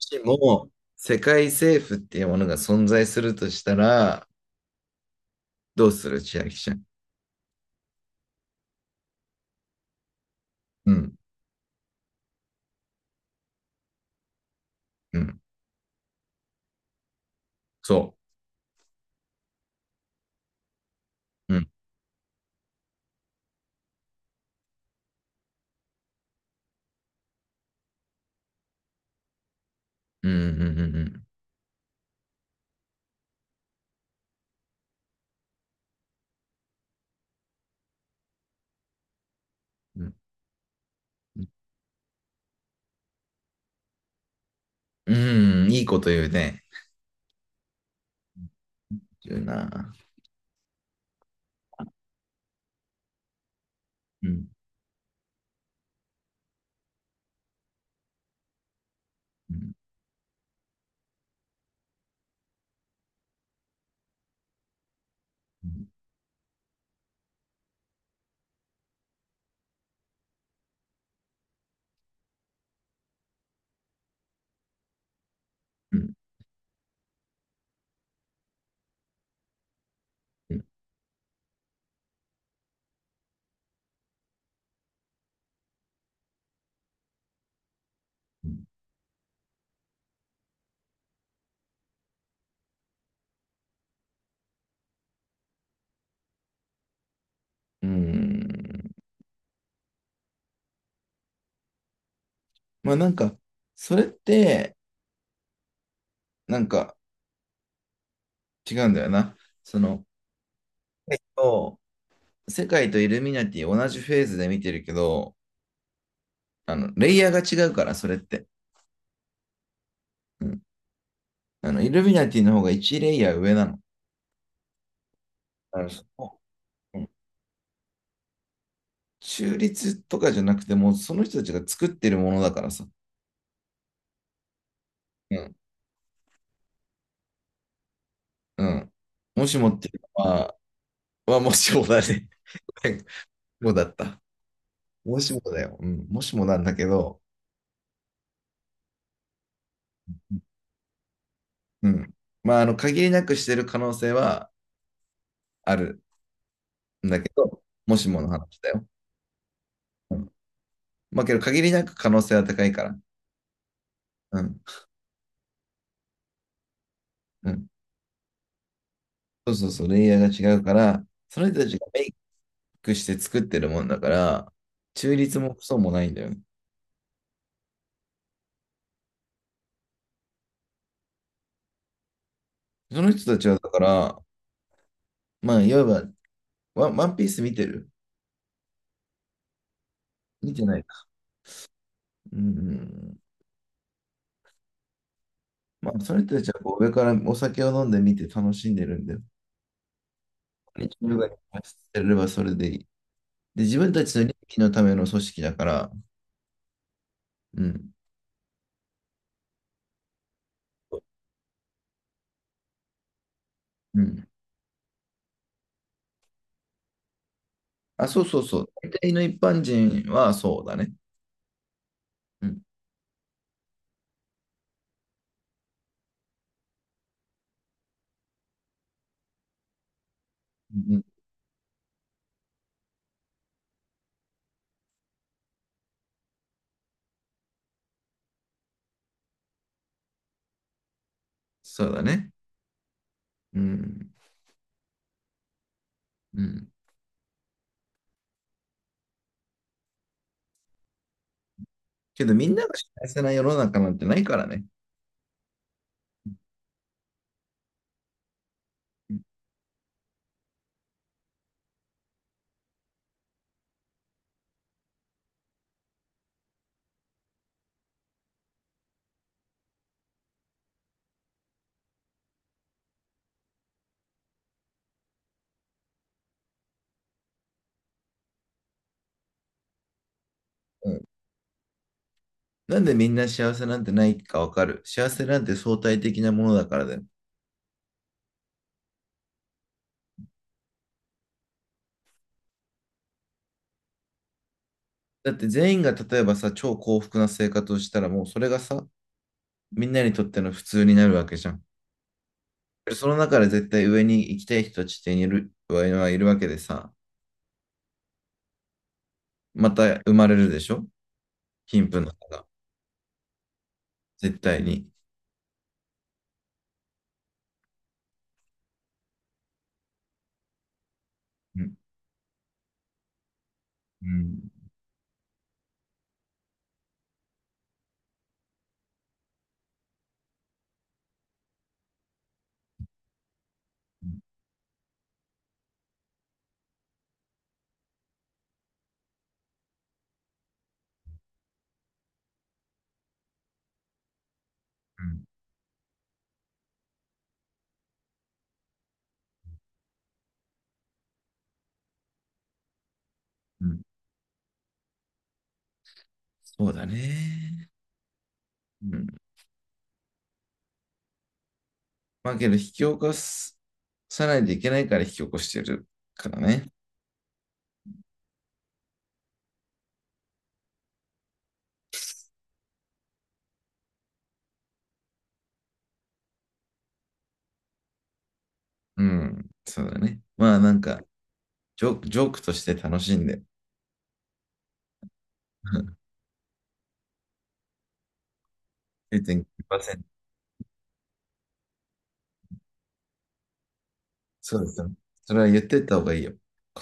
しも世界政府っていうものが存在するとしたら、どうする千秋ちゃん。うん、うん、そう。うん、うん、うん、うん、うん、うんいいこと言うね。言うな。うん、うん、うん、うん、うん。うんまあなんか、それって、なんか違うんだよな。その、えっと世界とイルミナティ同じフェーズで見てるけど、あの、レイヤーが違うから、それって。うん。あの、イルミナティの方が1レイヤー上なの。あのそのうん、中立とかじゃなくても、その人たちが作ってるものだからさ。うん。うん。もしもっていうのは、はもしもだね。もうだった。もしもだよ。うん。もしもなんだけど、うん。まあ、あの、限りなくしてる可能性はあるんだけど、もしもの話だよ。うん。まあ、けど、限りなく可能性は高いから。うん。うん。そうそうそう、レイヤーが違うから、その人たちがメイクして作ってるもんだから、中立もクソもないんだよね。その人たちは、だから、まあ、いわばワンピース見てる。見てないか。うん。まあ、その人たちはこう上からお酒を飲んで見て楽しんでるんで、自分が発せればそれでいい。で、自分たちの利益のための組織だから、うん。うん。あ、そうそうそう。大体の一般人はそうだね。うん。うん、そうだね。うん。うん。けど、みんなが幸せな世の中なんてないからね。うん。なんでみんな幸せなんてないかわかる。幸せなんて相対的なものだからだよ。だって全員が例えばさ、超幸福な生活をしたらもうそれがさ、みんなにとっての普通になるわけじゃん。その中で絶対上に行きたい人たちっている、はいるわけでさ、また生まれるでしょ、貧富の差が。絶対に。うん、うん、うん、うん。そうだね。うん。まあけど引き起こす、さないといけないから引き起こしてるからね。うん。そうだね。まあなんか、ジョークとして楽しんで、0.9%。そうですね。それは言ってった方がいいよ。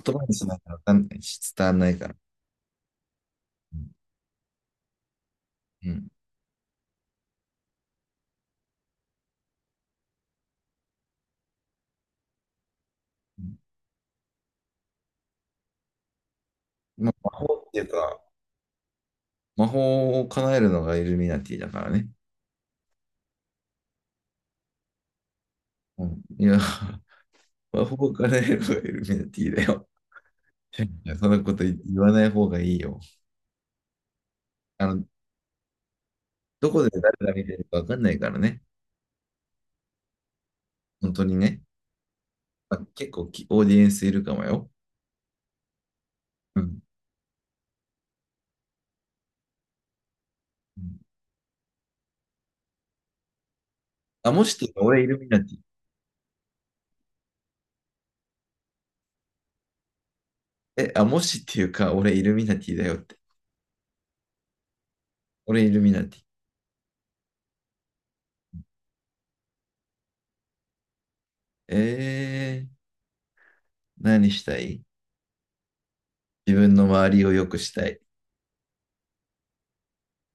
言葉にしないとわかんないし、伝わんないから。うん。うん。まあ、魔法っていうか、魔法を叶えるのがイルミナティだからね。うん。いや、魔法を叶えるのがイルミナティだよ。いや、そんなこと言わない方がいいよ。あの、どこで誰が見てるかわかんないからね。本当にね。まあ、結構きオーディエンスいるかもよ。うん。うん。あ、もしっていうか、俺イルミナティ。え、あ、もしっていうか、俺イルミナティだよって。俺イルミナティ。えー。何したい、自分の周りを良くしたい。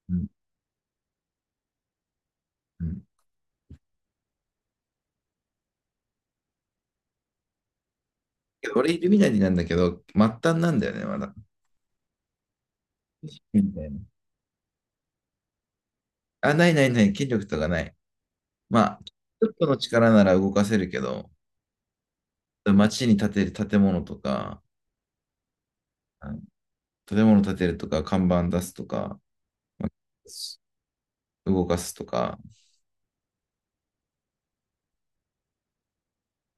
うん。うん。俺、イルミナリなんだけど、末端なんだよね、まだ。みたいな。あ、ないないない、権力とかない。まあ、ちょっとの力なら動かせるけど、街に建てる建物とか、建物建てるとか、看板出すとか、動かすとか、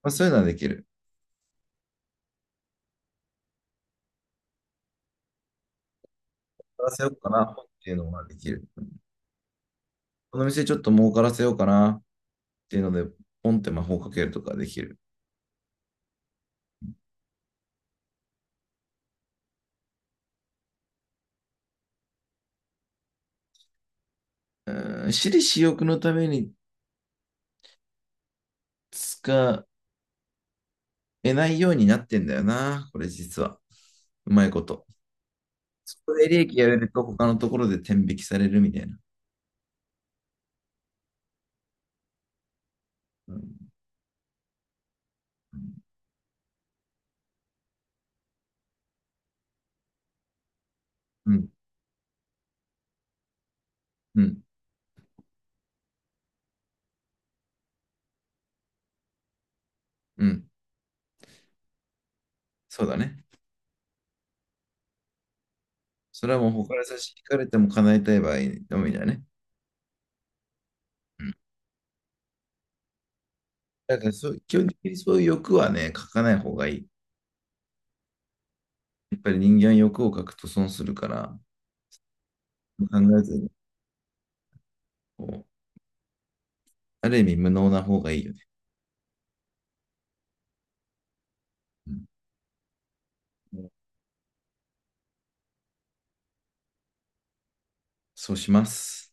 まあ、そういうのはできる。儲からせようかなっていうのはできる。この店ちょっと儲からせようかなっていうので、ポンって魔法かけるとかできる。うん、私利私欲のために使得ないようになってんだよな、これ実は。うまいこと。そこで利益やれると他のところで天引きされるみたいな。うん、うん、うん、うん、そうだね。それはもう他に差し引かれても叶えたい場合のみだね。だからそう、基本的にそういう欲はね、書かない方がいい。やっぱり人間は欲を書くと損するから、考えずにこう、ある意味無能な方がいいよね。うん、そうします。